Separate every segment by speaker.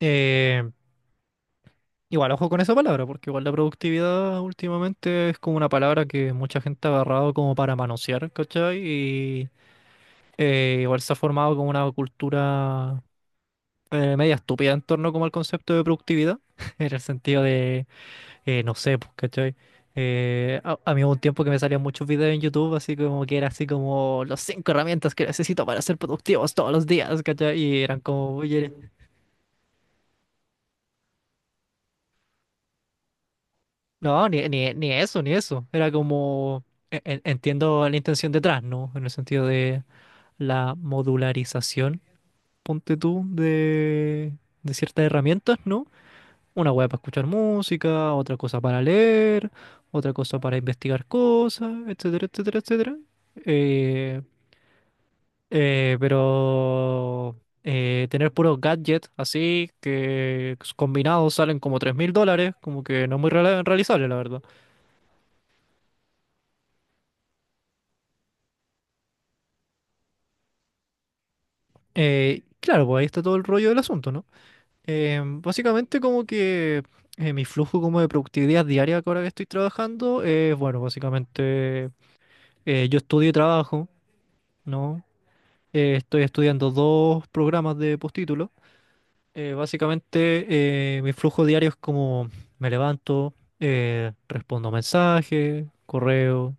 Speaker 1: Eh, igual, ojo con esa palabra, porque igual la productividad últimamente es como una palabra que mucha gente ha agarrado como para manosear, ¿cachai? Y igual se ha formado como una cultura media estúpida en torno como al concepto de productividad, en el sentido de, no sé, pues, ¿cachai? A mí hubo un tiempo que me salían muchos videos en YouTube, así como que era así como las 5 herramientas que necesito para ser productivos todos los días, ¿cachai? Y eran como, oye, no, ni eso, ni eso. Era como, entiendo la intención detrás, ¿no? En el sentido de la modularización, ponte tú, de ciertas herramientas, ¿no? Una web para escuchar música, otra cosa para leer, otra cosa para investigar cosas, etcétera, etcétera, etcétera. Eh, eh, pero Tener puros gadgets así, que combinados salen como $3.000, como que no es muy realizable, la verdad. Claro, pues ahí está todo el rollo del asunto, ¿no? Básicamente como que mi flujo como de productividad diaria que ahora que estoy trabajando es, bueno, básicamente yo estudio y trabajo, ¿no? Estoy estudiando dos programas de postítulo. Básicamente Mi flujo diario es como me levanto, respondo mensajes, correo.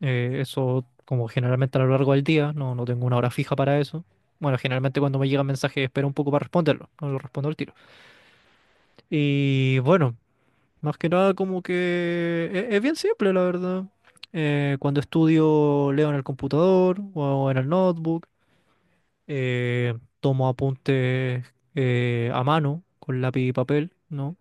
Speaker 1: Eso como generalmente a lo largo del día, no, no tengo una hora fija para eso. Bueno, generalmente cuando me llega un mensaje espero un poco para responderlo, no lo respondo al tiro. Y bueno, más que nada como que es, bien simple, la verdad. Cuando estudio, leo en el computador o en el notebook, eh, tomo apuntes a mano con lápiz y papel, ¿no?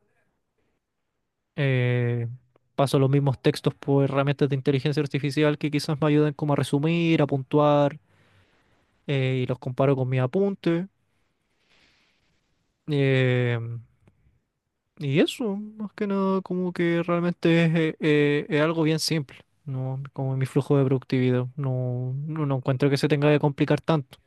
Speaker 1: Eh, paso los mismos textos por herramientas de inteligencia artificial que quizás me ayuden como a resumir, a puntuar y los comparo con mis apuntes. eh, y eso, más que nada, como que realmente es algo bien simple, ¿no? Como mi flujo de productividad. No encuentro que se tenga que complicar tanto.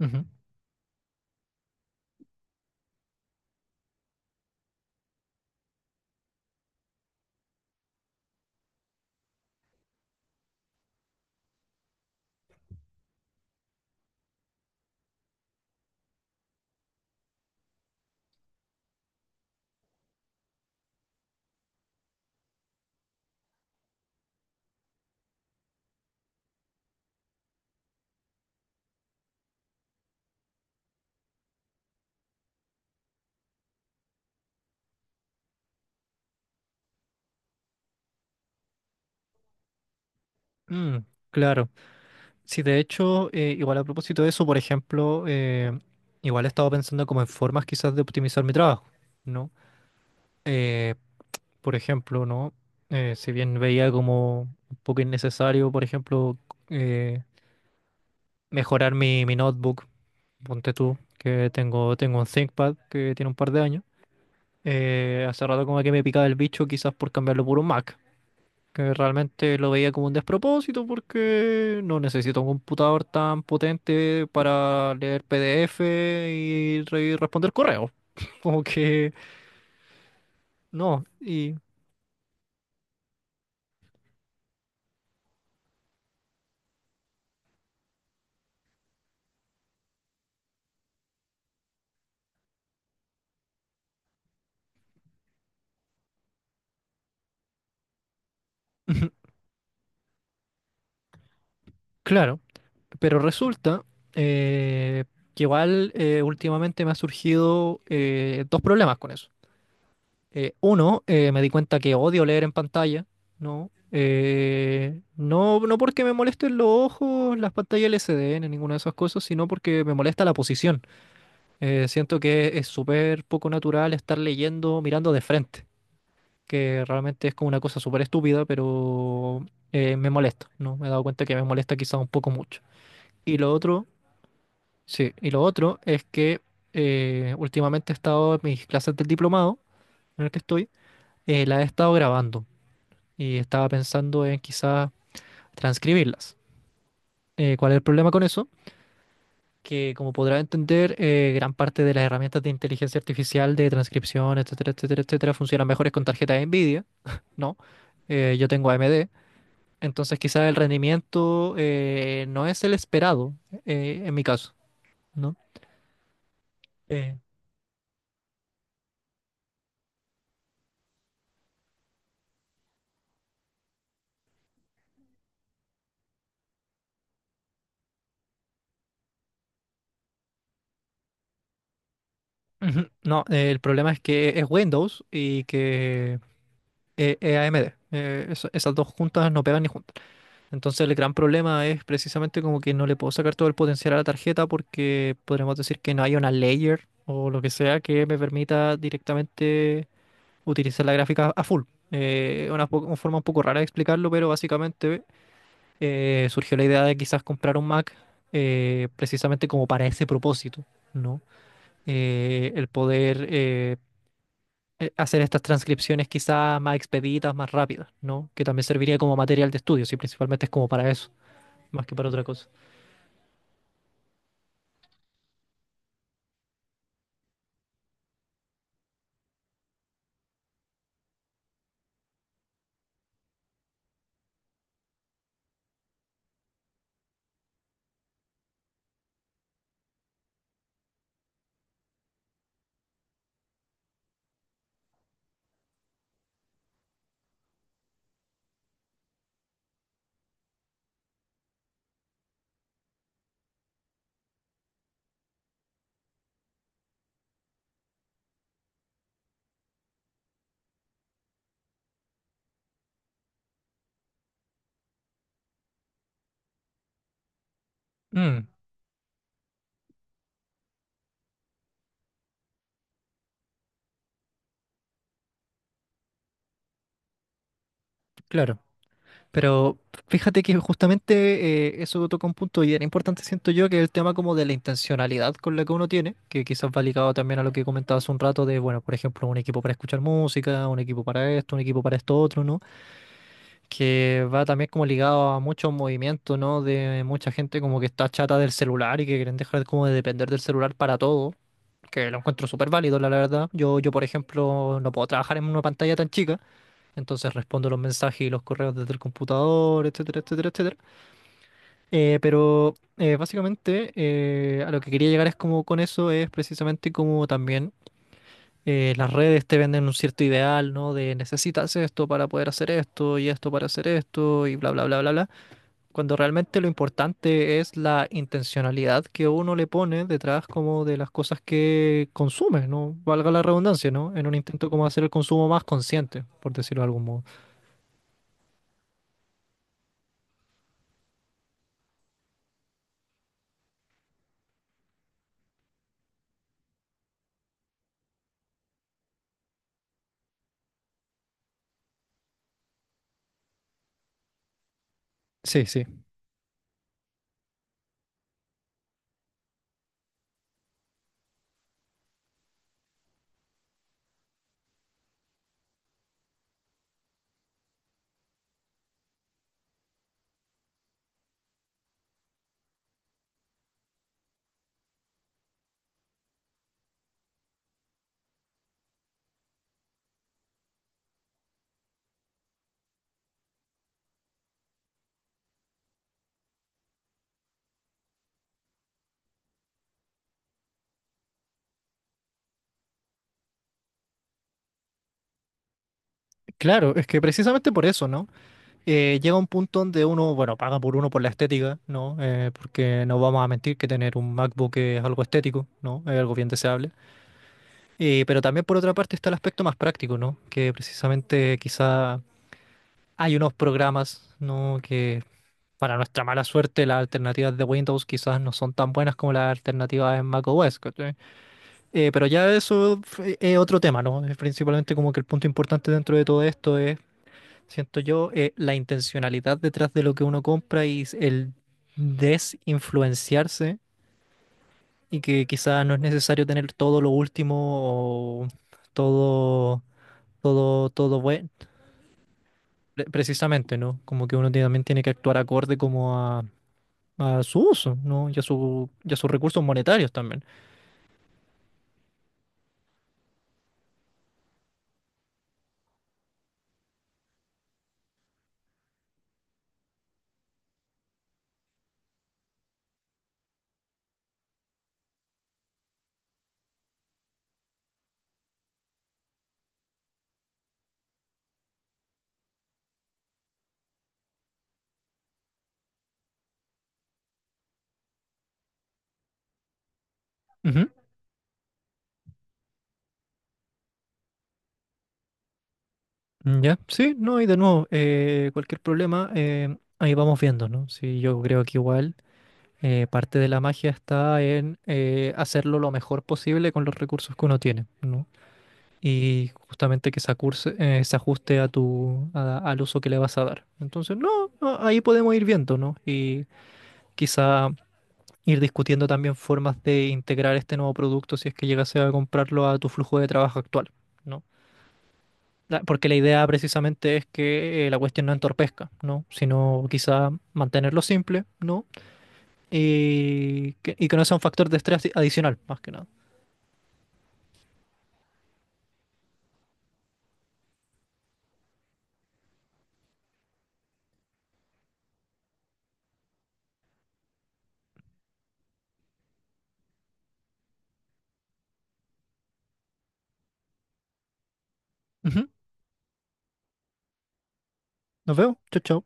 Speaker 1: Ujú. Mm, claro. Sí, de hecho, igual a propósito de eso, por ejemplo, igual he estado pensando como en formas quizás de optimizar mi trabajo, ¿no? Eh, por ejemplo, ¿no? Si bien veía como un poco innecesario, por ejemplo, eh, mejorar mi notebook, ponte tú, que tengo, tengo un ThinkPad que tiene un par de años. Hace rato como que me picaba el bicho quizás por cambiarlo por un Mac, que realmente lo veía como un despropósito porque no necesito un computador tan potente para leer PDF y, responder correos. Como que no, y claro, pero resulta eh, que igual últimamente me ha surgido 2 problemas con eso. Uno, me di cuenta que odio leer en pantalla, ¿no? No, no porque me molesten los ojos, las pantallas LCD, ni ninguna de esas cosas, sino porque me molesta la posición. Siento que es súper poco natural estar leyendo mirando de frente, que realmente es como una cosa súper estúpida, pero me molesta, ¿no? Me he dado cuenta que me molesta quizá un poco mucho. Y lo otro, sí, y lo otro es que últimamente he estado en mis clases del diplomado en el que estoy, las he estado grabando. Y estaba pensando en quizás transcribirlas. ¿Cuál es el problema con eso? Que como podrá entender, gran parte de las herramientas de inteligencia artificial, de transcripción, etcétera, etcétera, etcétera, funcionan mejores con tarjeta de NVIDIA, ¿no? Yo tengo AMD, entonces quizás el rendimiento no es el esperado en mi caso, ¿no? Eh, Ujú, no, el problema es que es Windows y que es AMD. Esas dos juntas no pegan ni juntas. Entonces el gran problema es precisamente como que no le puedo sacar todo el potencial a la tarjeta porque podremos decir que no hay una layer o lo que sea que me permita directamente utilizar la gráfica a full. Una forma un poco rara de explicarlo, pero básicamente surgió la idea de quizás comprar un Mac precisamente como para ese propósito, ¿no? El poder hacer estas transcripciones quizás más expeditas, más rápidas, ¿no? Que también serviría como material de estudio, si principalmente es como para eso, más que para otra cosa. Mm, claro, pero fíjate que justamente eso toca un punto y era importante, siento yo, que es el tema como de la intencionalidad con la que uno tiene, que quizás va ligado también a lo que comentabas hace un rato de, bueno, por ejemplo, un equipo para escuchar música, un equipo para esto, un equipo para esto otro, ¿no? Que va también como ligado a muchos movimientos, ¿no? De mucha gente como que está chata del celular y que quieren dejar como de depender del celular para todo, que lo encuentro súper válido, la verdad. Yo, por ejemplo, no puedo trabajar en una pantalla tan chica. Entonces respondo los mensajes y los correos desde el computador, etcétera, etcétera, etcétera. Pero básicamente A lo que quería llegar es como con eso es precisamente como también las redes te venden un cierto ideal, ¿no? De necesitas esto para poder hacer esto y esto para hacer esto y bla, bla, bla, bla, bla. Cuando realmente lo importante es la intencionalidad que uno le pone detrás como de las cosas que consume, ¿no? Valga la redundancia, ¿no? En un intento como hacer el consumo más consciente, por decirlo de algún modo. Sí, sí. Claro, es que precisamente por eso, ¿no? Llega un punto donde uno, bueno, paga por uno por la estética, ¿no? Porque no vamos a mentir que tener un MacBook es algo estético, ¿no? Es algo bien deseable. Pero también por otra parte está el aspecto más práctico, ¿no? Que precisamente quizá hay unos programas, ¿no? Que para nuestra mala suerte las alternativas de Windows quizás no son tan buenas como las alternativas en macOS, ¿cachai? Es otro tema, ¿no? Es principalmente como que el punto importante dentro de todo esto es siento yo la intencionalidad detrás de lo que uno compra y el desinfluenciarse y que quizás no es necesario tener todo lo último o todo, todo, todo bueno, precisamente, ¿no? Como que uno también tiene que actuar acorde como a su uso, ¿no? Y a su, y a sus recursos monetarios también. Ujú. Mm, ya, sí, no, y de nuevo, cualquier problema, ahí vamos viendo, ¿no? Sí, yo creo que igual. Parte de la magia está en hacerlo lo mejor posible con los recursos que uno tiene, ¿no? Y justamente que se, se ajuste a tu, al uso que le vas a dar. Entonces, no, no, ahí podemos ir viendo, ¿no? Y quizá ir discutiendo también formas de integrar este nuevo producto si es que llegase a comprarlo a tu flujo de trabajo actual, ¿no? Porque la idea precisamente es que la cuestión no entorpezca, ¿no? Sino quizá mantenerlo simple, ¿no? Y que, y que no sea un factor de estrés adicional, más que nada. Ujú, nos vemos. Chau, chau.